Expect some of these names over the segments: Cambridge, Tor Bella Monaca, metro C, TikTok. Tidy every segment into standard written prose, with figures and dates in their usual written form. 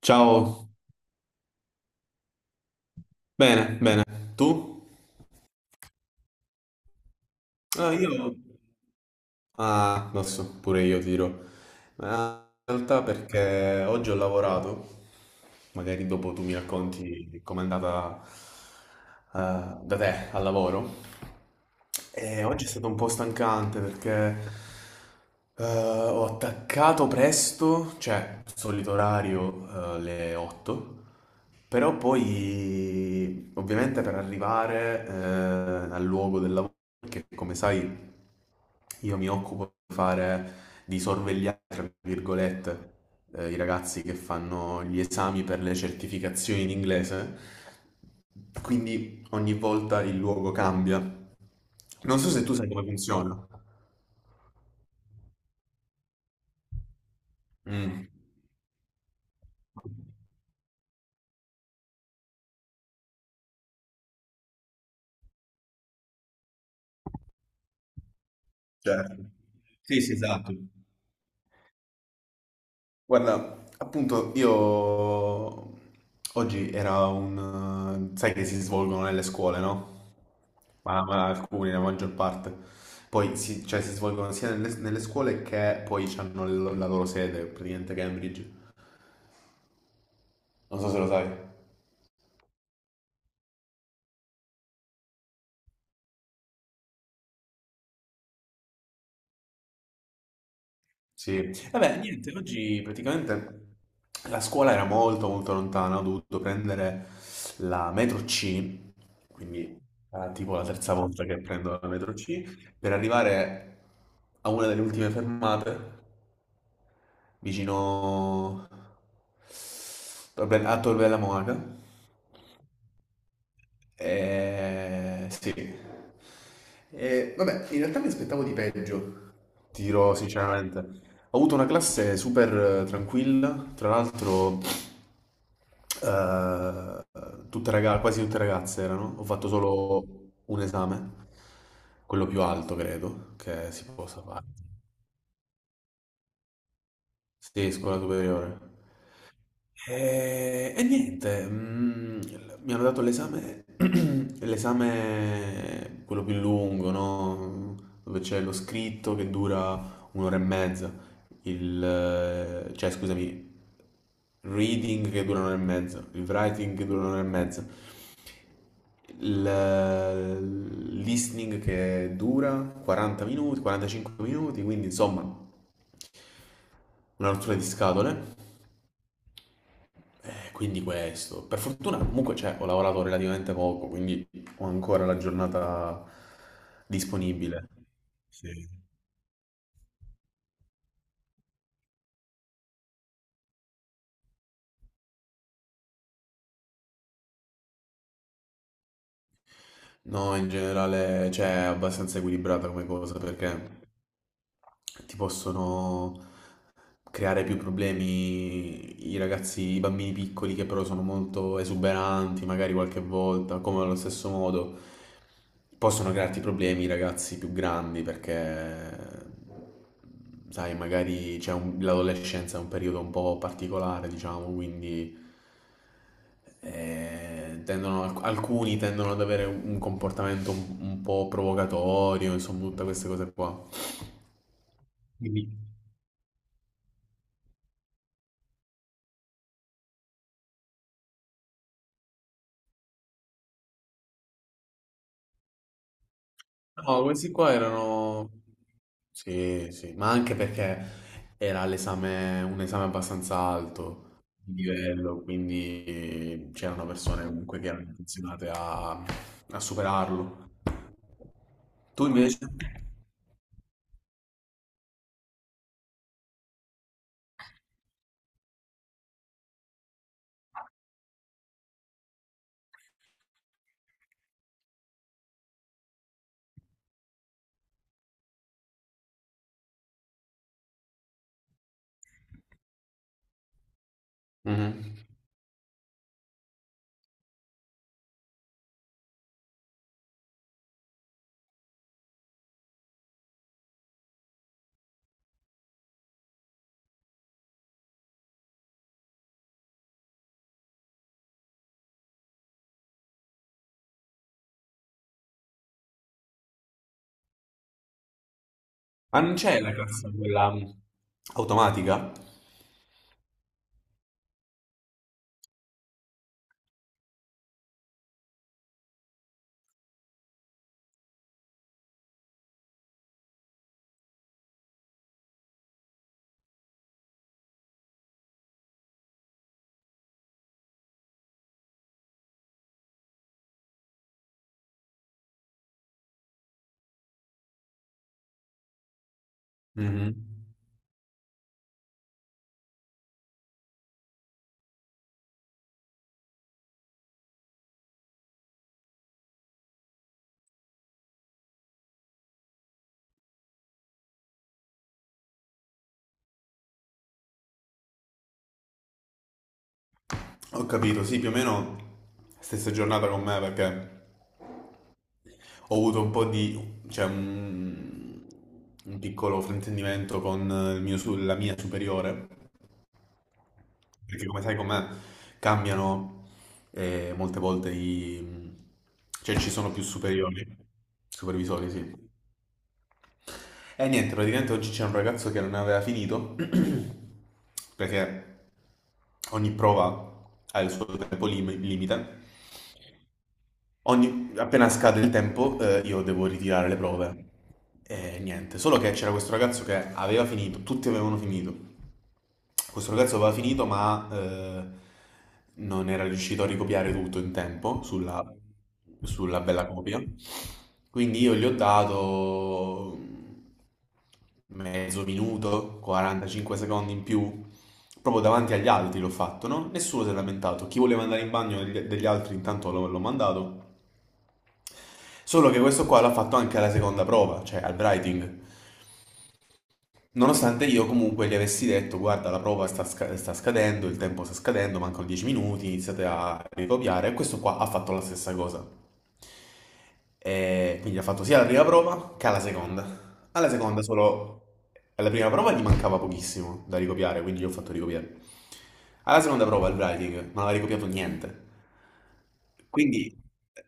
Ciao, bene, bene. Tu? Ah, io. Ah, lo so, pure io tiro. Ma in realtà perché oggi ho lavorato, magari dopo tu mi racconti com'è andata da te al lavoro. E oggi è stato un po' stancante perché ho attaccato presto, cioè solito orario le 8, però poi ovviamente per arrivare al luogo del lavoro perché come sai io mi occupo di fare, di sorvegliare, tra virgolette, i ragazzi che fanno gli esami per le certificazioni in inglese, quindi ogni volta il luogo cambia. Non so se tu sai come funziona. Mm, certo. Sì, sì, esatto. Guarda, appunto, io oggi era un... sai che si svolgono nelle scuole, no? Ma alcuni, la maggior parte. Poi si, cioè, si svolgono sia nelle scuole che poi hanno la loro sede, praticamente Cambridge. Non so se lo sai. Sì. Vabbè, niente, oggi praticamente la scuola era molto molto lontana, ho dovuto prendere la metro C, quindi tipo la terza volta che prendo la metro C, per arrivare a una delle ultime fermate, vicino a Tor Bella Monaca. Sì. Vabbè, in realtà mi aspettavo di peggio, ti dirò sinceramente. Ho avuto una classe super tranquilla, tra l'altro eh, tutte quasi tutte ragazze erano, ho fatto solo un esame, quello più alto credo che si possa fare. Sì, scuola superiore. E niente, mi hanno dato l'esame, l'esame quello più lungo, no? Dove c'è lo scritto che dura un'ora e mezza, cioè scusami, reading che dura un'ora e mezza, il writing che dura un'ora e mezza, il listening che dura 40 minuti, 45 minuti, quindi insomma una rottura di scatole. Quindi questo, per fortuna comunque cioè, ho lavorato relativamente poco, quindi ho ancora la giornata disponibile. Sì. No, in generale, cioè, è abbastanza equilibrata come cosa perché ti possono creare più problemi i ragazzi, i bambini piccoli che però sono molto esuberanti, magari qualche volta, come allo stesso modo. Possono crearti problemi i ragazzi più grandi perché, sai, magari c'è l'adolescenza è un periodo un po' particolare, diciamo, quindi alcuni tendono ad avere un comportamento un po' provocatorio, insomma, tutte queste cose qua. Quindi. No, questi qua erano... Sì, sì, ma anche perché era l'esame, un esame abbastanza alto di livello, quindi c'erano persone comunque che erano intenzionate a, superarlo. Tu invece? Mhm. Ma non c'è la classe quella automatica? Mhm. Ho capito, sì, più o meno stessa giornata con me perché... Ho avuto un po' di, cioè, un piccolo fraintendimento con il mio la mia superiore, perché come sai com'è, cambiano molte volte i... cioè ci sono più superiori, supervisori, sì. E niente, praticamente oggi c'è un ragazzo che non aveva finito, perché ogni prova ha il suo tempo limite, appena scade il tempo, io devo ritirare le prove. E niente, solo che c'era questo ragazzo che aveva finito, tutti avevano finito. Questo ragazzo aveva finito, ma non era riuscito a ricopiare tutto in tempo sulla bella copia. Quindi io gli ho dato mezzo minuto, 45 secondi in più, proprio davanti agli altri l'ho fatto, no? Nessuno si è lamentato. Chi voleva andare in bagno degli altri intanto l'ho mandato. Solo che questo qua l'ha fatto anche alla seconda prova, cioè al Brighting. Nonostante io comunque gli avessi detto, guarda, la prova sta scadendo, il tempo sta scadendo, mancano 10 minuti, iniziate a ricopiare, e questo qua ha fatto la stessa cosa. E quindi ha fatto sia la prima prova che alla seconda. Alla seconda solo, alla prima prova gli mancava pochissimo da ricopiare, quindi gli ho fatto ricopiare. Alla seconda prova il writing non aveva ricopiato niente. Quindi,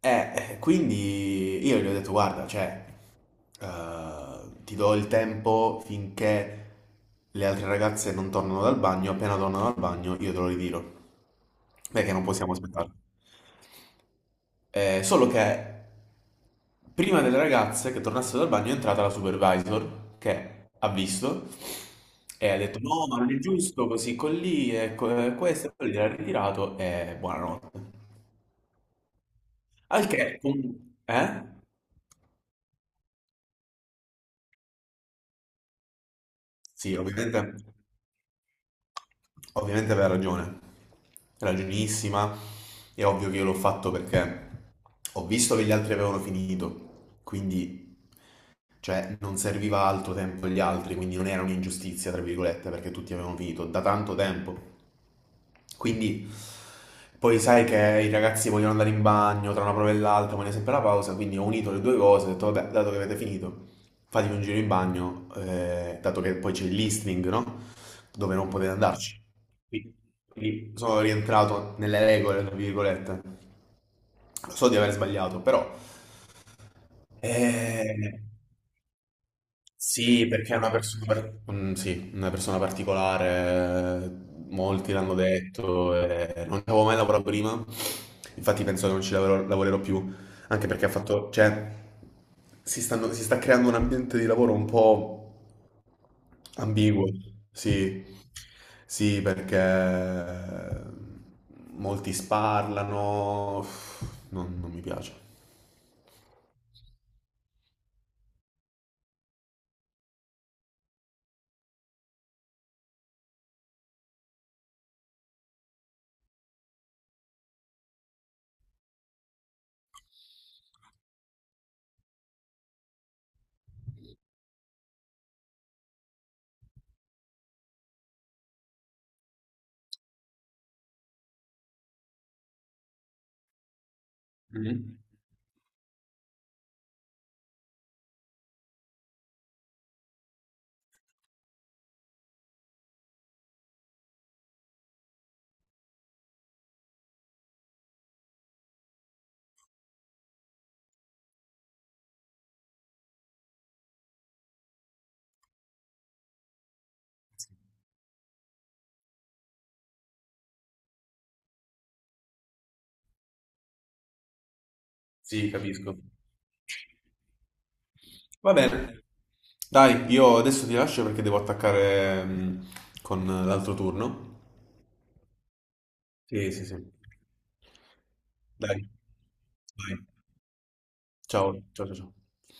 quindi io gli ho detto, guarda, cioè, ti do il tempo finché le altre ragazze non tornano dal bagno, appena tornano dal bagno io te lo ritiro, perché non possiamo aspettare. Solo che prima delle ragazze che tornassero dal bagno è entrata la supervisor che ha visto e ha detto no, ma non è giusto così con lì, e e questo, e poi l'ha ritirato e buonanotte. Al che, eh? Sì, ovviamente. Ovviamente aveva ragione, ragionissima. È ovvio che io l'ho fatto perché ho visto che gli altri avevano finito, quindi cioè non serviva altro tempo agli altri, quindi non era un'ingiustizia, tra virgolette, perché tutti avevano finito da tanto tempo. Quindi poi sai che i ragazzi vogliono andare in bagno tra una prova e l'altra, vogliono sempre la pausa, quindi ho unito le due cose, ho detto vabbè, dato che avete finito, fatevi un giro in bagno, dato che poi c'è il listening, no? Dove non potevi andarci. Quindi quindi sono rientrato nelle regole, tra virgolette. Lo so di aver sbagliato, però... eh, sì, perché è una persona, mm, sì, una persona particolare, molti l'hanno detto, non ci avevo mai lavorato prima, infatti penso che non ci lavorerò, più, anche perché ha fatto, cioè, si sta creando un ambiente di lavoro un po'... Ambiguo, sì, sì, perché molti sparlano, non mi piace. Mhm. Sì, capisco. Va bene. Dai, io adesso ti lascio perché devo attaccare con l'altro turno. Sì, sì, sì. Dai, vai. Ciao, ciao, ciao. Ciao.